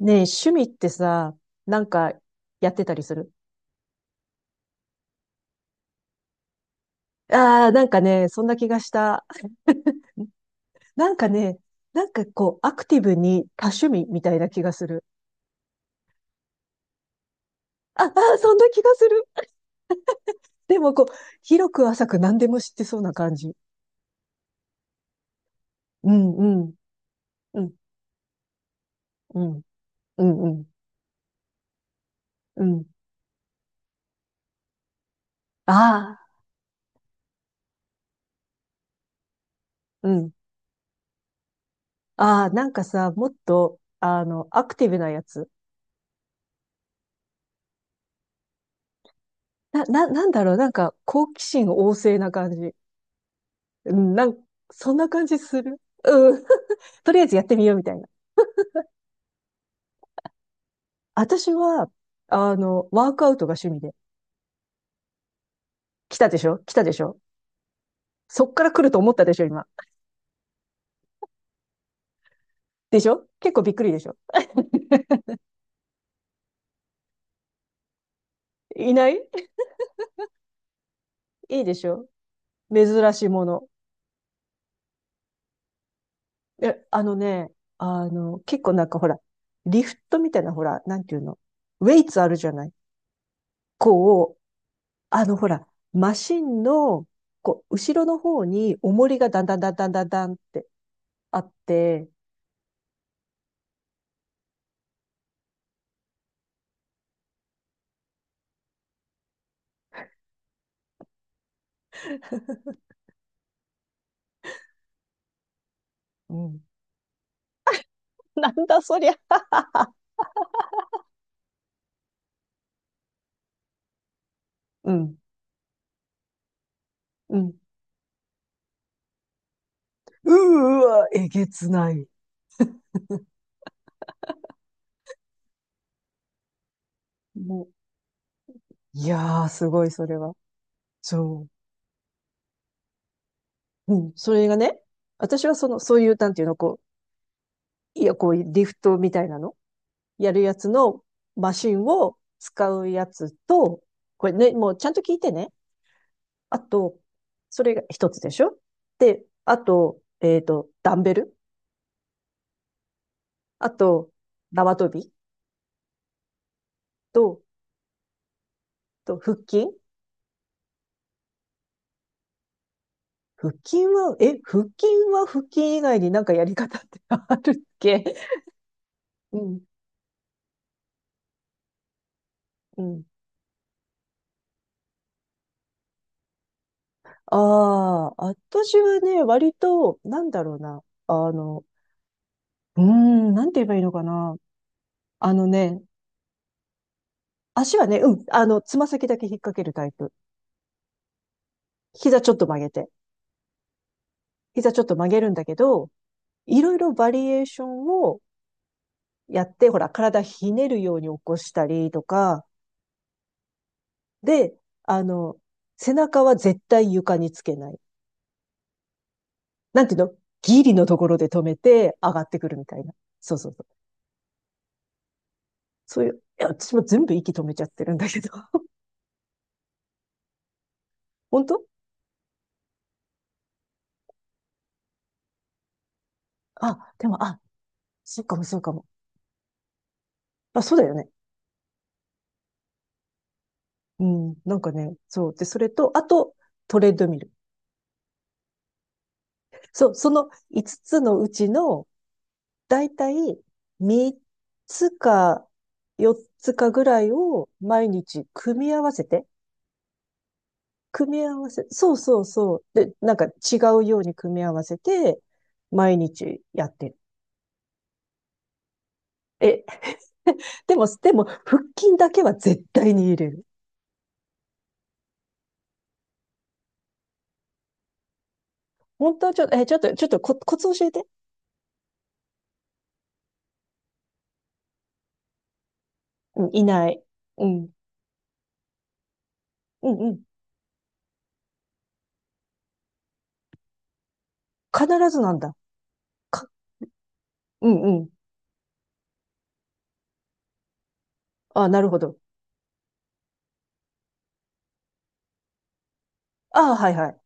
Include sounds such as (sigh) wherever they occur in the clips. ねえ、趣味ってさ、なんかやってたりする？ああー、なんかね、そんな気がした。なんかね、なんかこう、アクティブに多趣味みたいな気がする。ああー、そんな気がする。でもこう、広く浅く何でも知ってそうな感じ。うん、うん、うん、うん、うん、うん、うん。ああ、うん。ああ、なんかさ、もっと、アクティブなやつ。なんだろう、なんか好奇心旺盛な感じ。うん、そんな感じする。うん。(laughs) とりあえずやってみようみたいな。私は、ワークアウトが趣味で。来たでしょ？来たでしょ？そっから来ると思ったでしょ、今？でしょ？結構びっくりでしょ？いない。いいでしょ？珍しいもの。あのね、結構なんかほら、リフトみたいなほら、なんていうの？ウェイツあるじゃない？こう、ほら、マシンの、こう、後ろの方に重りがだんだんだんだんだんだんってあって、うん。(laughs) なんだそりゃ。うん、うん。うーわ、えげつない。もう、いやー、すごい、それは。そう。うん、それがね、私はその、そういう、なんていうの、こう、いや、こう、リフトみたいなの、やるやつのマシンを使うやつと、これね、もうちゃんと聞いてね。あと、それが一つでしょ？で、あと、ダンベル。あと、縄跳び。と、と、腹筋。腹筋は、え、腹筋は腹筋以外になんかやり方ってあるっけ？うん、うん。ああ、私はね、割と、なんだろうな。うーん、なんて言えばいいのかな。あのね、足はね、うん、つま先だけ引っ掛けるタイプ。膝ちょっと曲げて。膝ちょっと曲げるんだけど、いろいろバリエーションをやって、ほら、体ひねるように起こしたりとか、で、あの、背中は絶対床につけない。なんていうの？ギリのところで止めて上がってくるみたいな。そうそうそう。そういう、いや、私も全部息止めちゃってるんだけど。(laughs) 本当？あ、でも、あ、そうかもそうかも。あ、そうだよね。うん、なんかね、そう。で、それと、あと、トレッドミル。そう、その5つつのうちの、だいたい3つか4つかぐらいを毎日組み合わせて、組み合わせ、そうそうそう。で、なんか違うように組み合わせて、毎日やってる。え、でも、腹筋だけは絶対に入れる。本当はちょっと、ちょっとコツ教えて。うん、いない。うん、うん、うん。必ずなんだ。か、うん、うん。あ、なるほど。あ、はい、はい。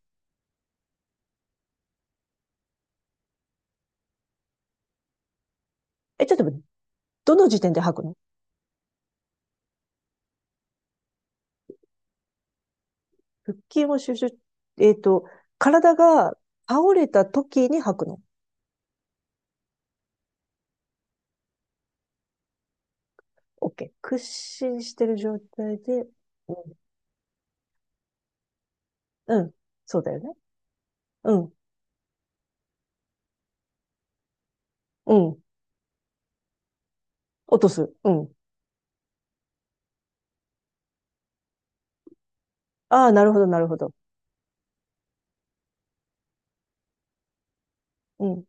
え、ちょっと、どの時点で吐くの？腹筋を収集、えっと、体が倒れた時に吐くの？OK。屈伸してる状態で、うん、うん、そうだよね。うん、うん。落とす。うん。ああ、なるほど、なるほど。うん。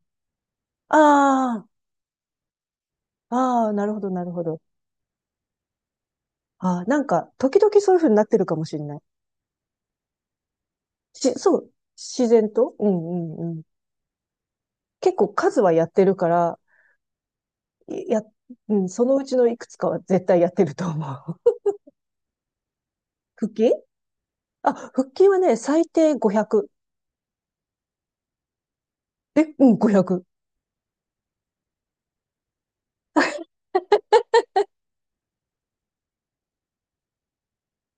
ああ、ああ、なるほど、なるほど。あ、なんか、時々そういう風になってるかもしれない。そう、自然とうんうんうん。結構数はやってるから、いや、うん、そのうちのいくつかは絶対やってると思う。(laughs) 腹筋？あ、腹筋はね、最低500。え、うん、500。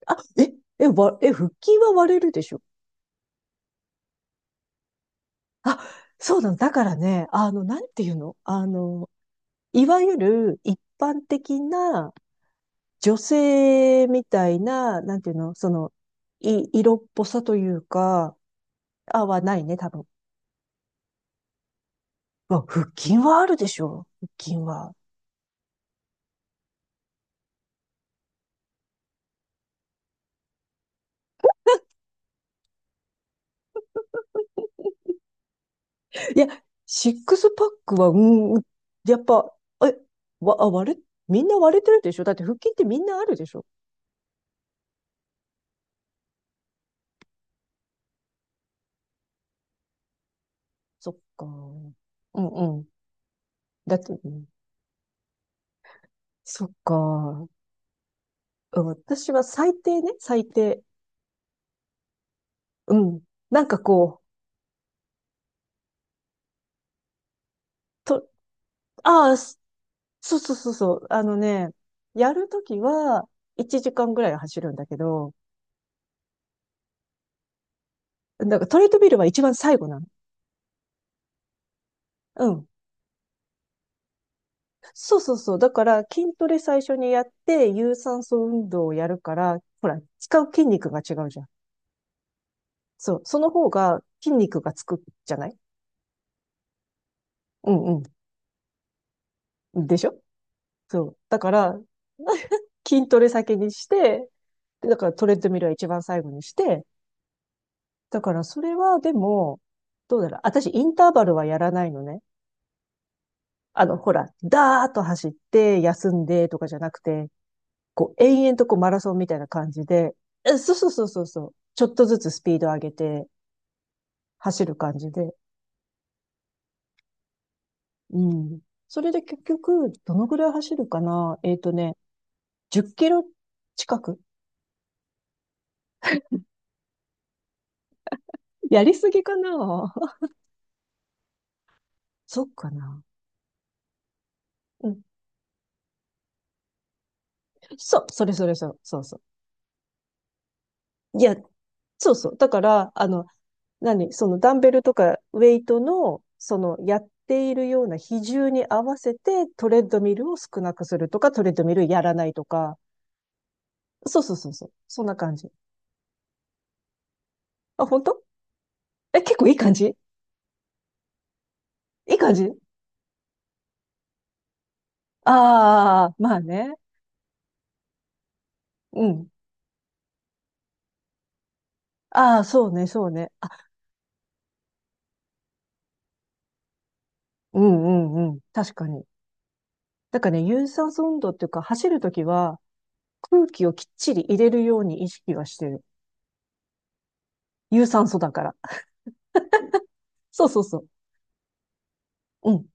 あ、腹筋は割れるでしょ。あ、そうなの。だからね、なんていうの？いわゆる一般的な女性みたいな、なんていうの？色っぽさというか、あ、はないね、多分。うわ、腹筋はあるでしょ？腹筋は。いや、シックスパックは、うん、やっぱ、え、わ、あ、割れ、みんな割れてるでしょ？だって腹筋ってみんなあるでしょ？そっか。うんうん。だって、うん、そっか。うん、私は最低ね、最低。うん。なんかこう、と、ああ、す、そうそうそうそう。あのね、やるときは1時間ぐらい走るんだけど、なんかトレッドミルは一番最後なの。そうそうそう。だから、筋トレ最初にやって、有酸素運動をやるから、ほら、使う筋肉が違うじゃん。そう。その方が筋肉がつくじゃない？うんうん。でしょ？そう。だから、(laughs) 筋トレ先にして、でだからトレッドミルは一番最後にして、だからそれはでも、どうだろう。私、インターバルはやらないのね。ほら、ダーッと走って、休んでとかじゃなくて、こう、延々とこうマラソンみたいな感じで、えそうそうそうそうそう。ちょっとずつスピード上げて走る感じで。うん。それで結局、どのぐらい走るかな？10キロ近く。やりすぎかな？ (laughs) そっかな。うん。そう、それそれそう、そうそう。いや、そうそう。だから、何そのダンベルとかウェイトの、そのやっているような比重に合わせてトレッドミルを少なくするとか、トレッドミルやらないとか、そうそうそうそう。そんな感じ。あ、本当？え、結構いい感じ？いい感じ？ああー、まあね。うん。ああ、そうね、そうね。あ、うんうんうん。確かに。だからね、有酸素運動っていうか、走るときは空気をきっちり入れるように意識はしてる。有酸素だから。そうそうそう。うん、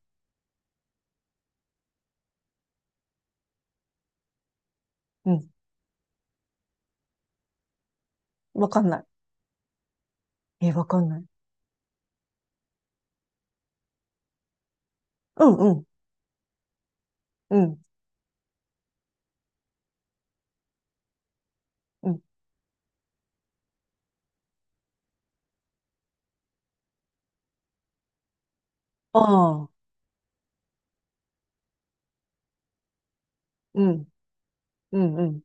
うん。わかんない。え、わかんない。うん、うん、うん、うん。ああ、うん、うん、うん。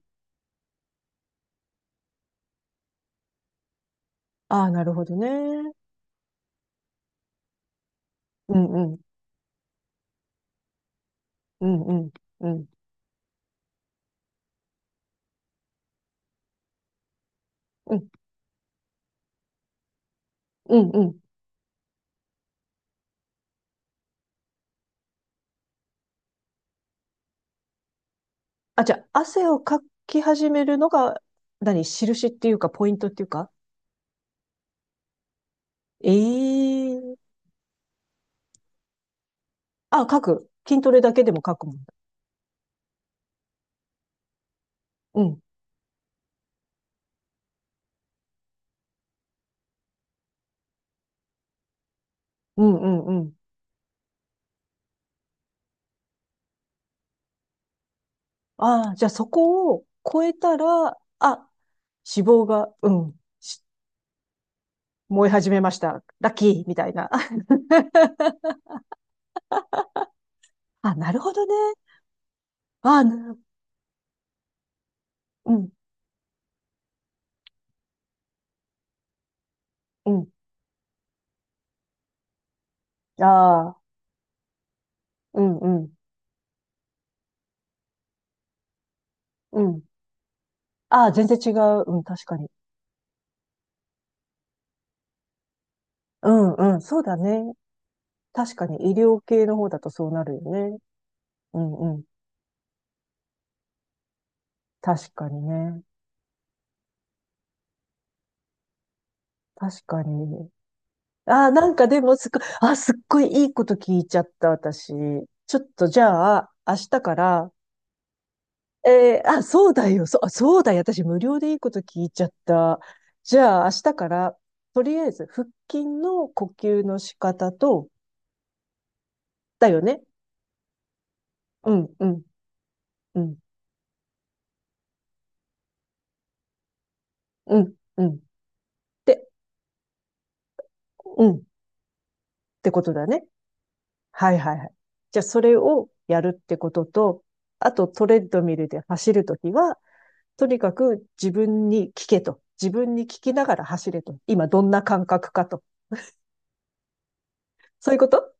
ああ、なるほどね。うん、うん、うん、うん、うん、うん、うん、うん。あ、じゃあ、汗をかき始めるのが、何、印っていうか、ポイントっていうか。ええ。あ、書く。筋トレだけでも書くもんだ。うん。うんうんうん。ああ、じゃあそこを超えたら、あ、脂肪が、うん、燃え始めました。ラッキーみたいな。(laughs) あ、なるほどね。あ、うん、うん。ああ、うん、うん、うん。ああ、全然違う。うん、確かに。うん、うん、そうだね。確かに医療系の方だとそうなるよね。うんうん。確かにね。確かに。あ、なんかでもすっごい、あ、すっごいいいこと聞いちゃった、私。ちょっとじゃあ、明日から、あ、そうだよ、あ、そうだよ、私無料でいいこと聞いちゃった。じゃあ、明日から、とりあえず、腹筋の呼吸の仕方と、だよね。うん、うん、うん、うん、うん。で、うん、ってことだね。はいはいはい。じゃあ、それをやるってことと、あとトレッドミルで走るときは、とにかく自分に聞けと。自分に聞きながら走れと。今どんな感覚かと。そういうこと？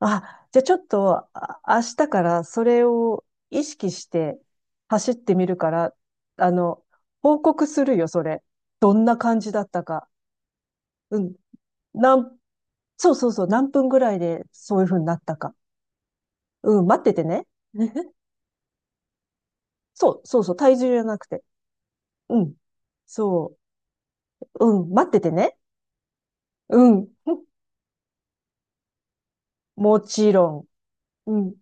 あ、じゃあちょっと明日からそれを意識して走ってみるから、あの、報告するよ、それ。どんな感じだったか。うん。なんそうそうそう、何分ぐらいでそういう風になったか。うん、待っててね。(laughs) そう、そうそう、体重じゃなくて。うん。そう。うん、待っててね。うん。もちろん。うん。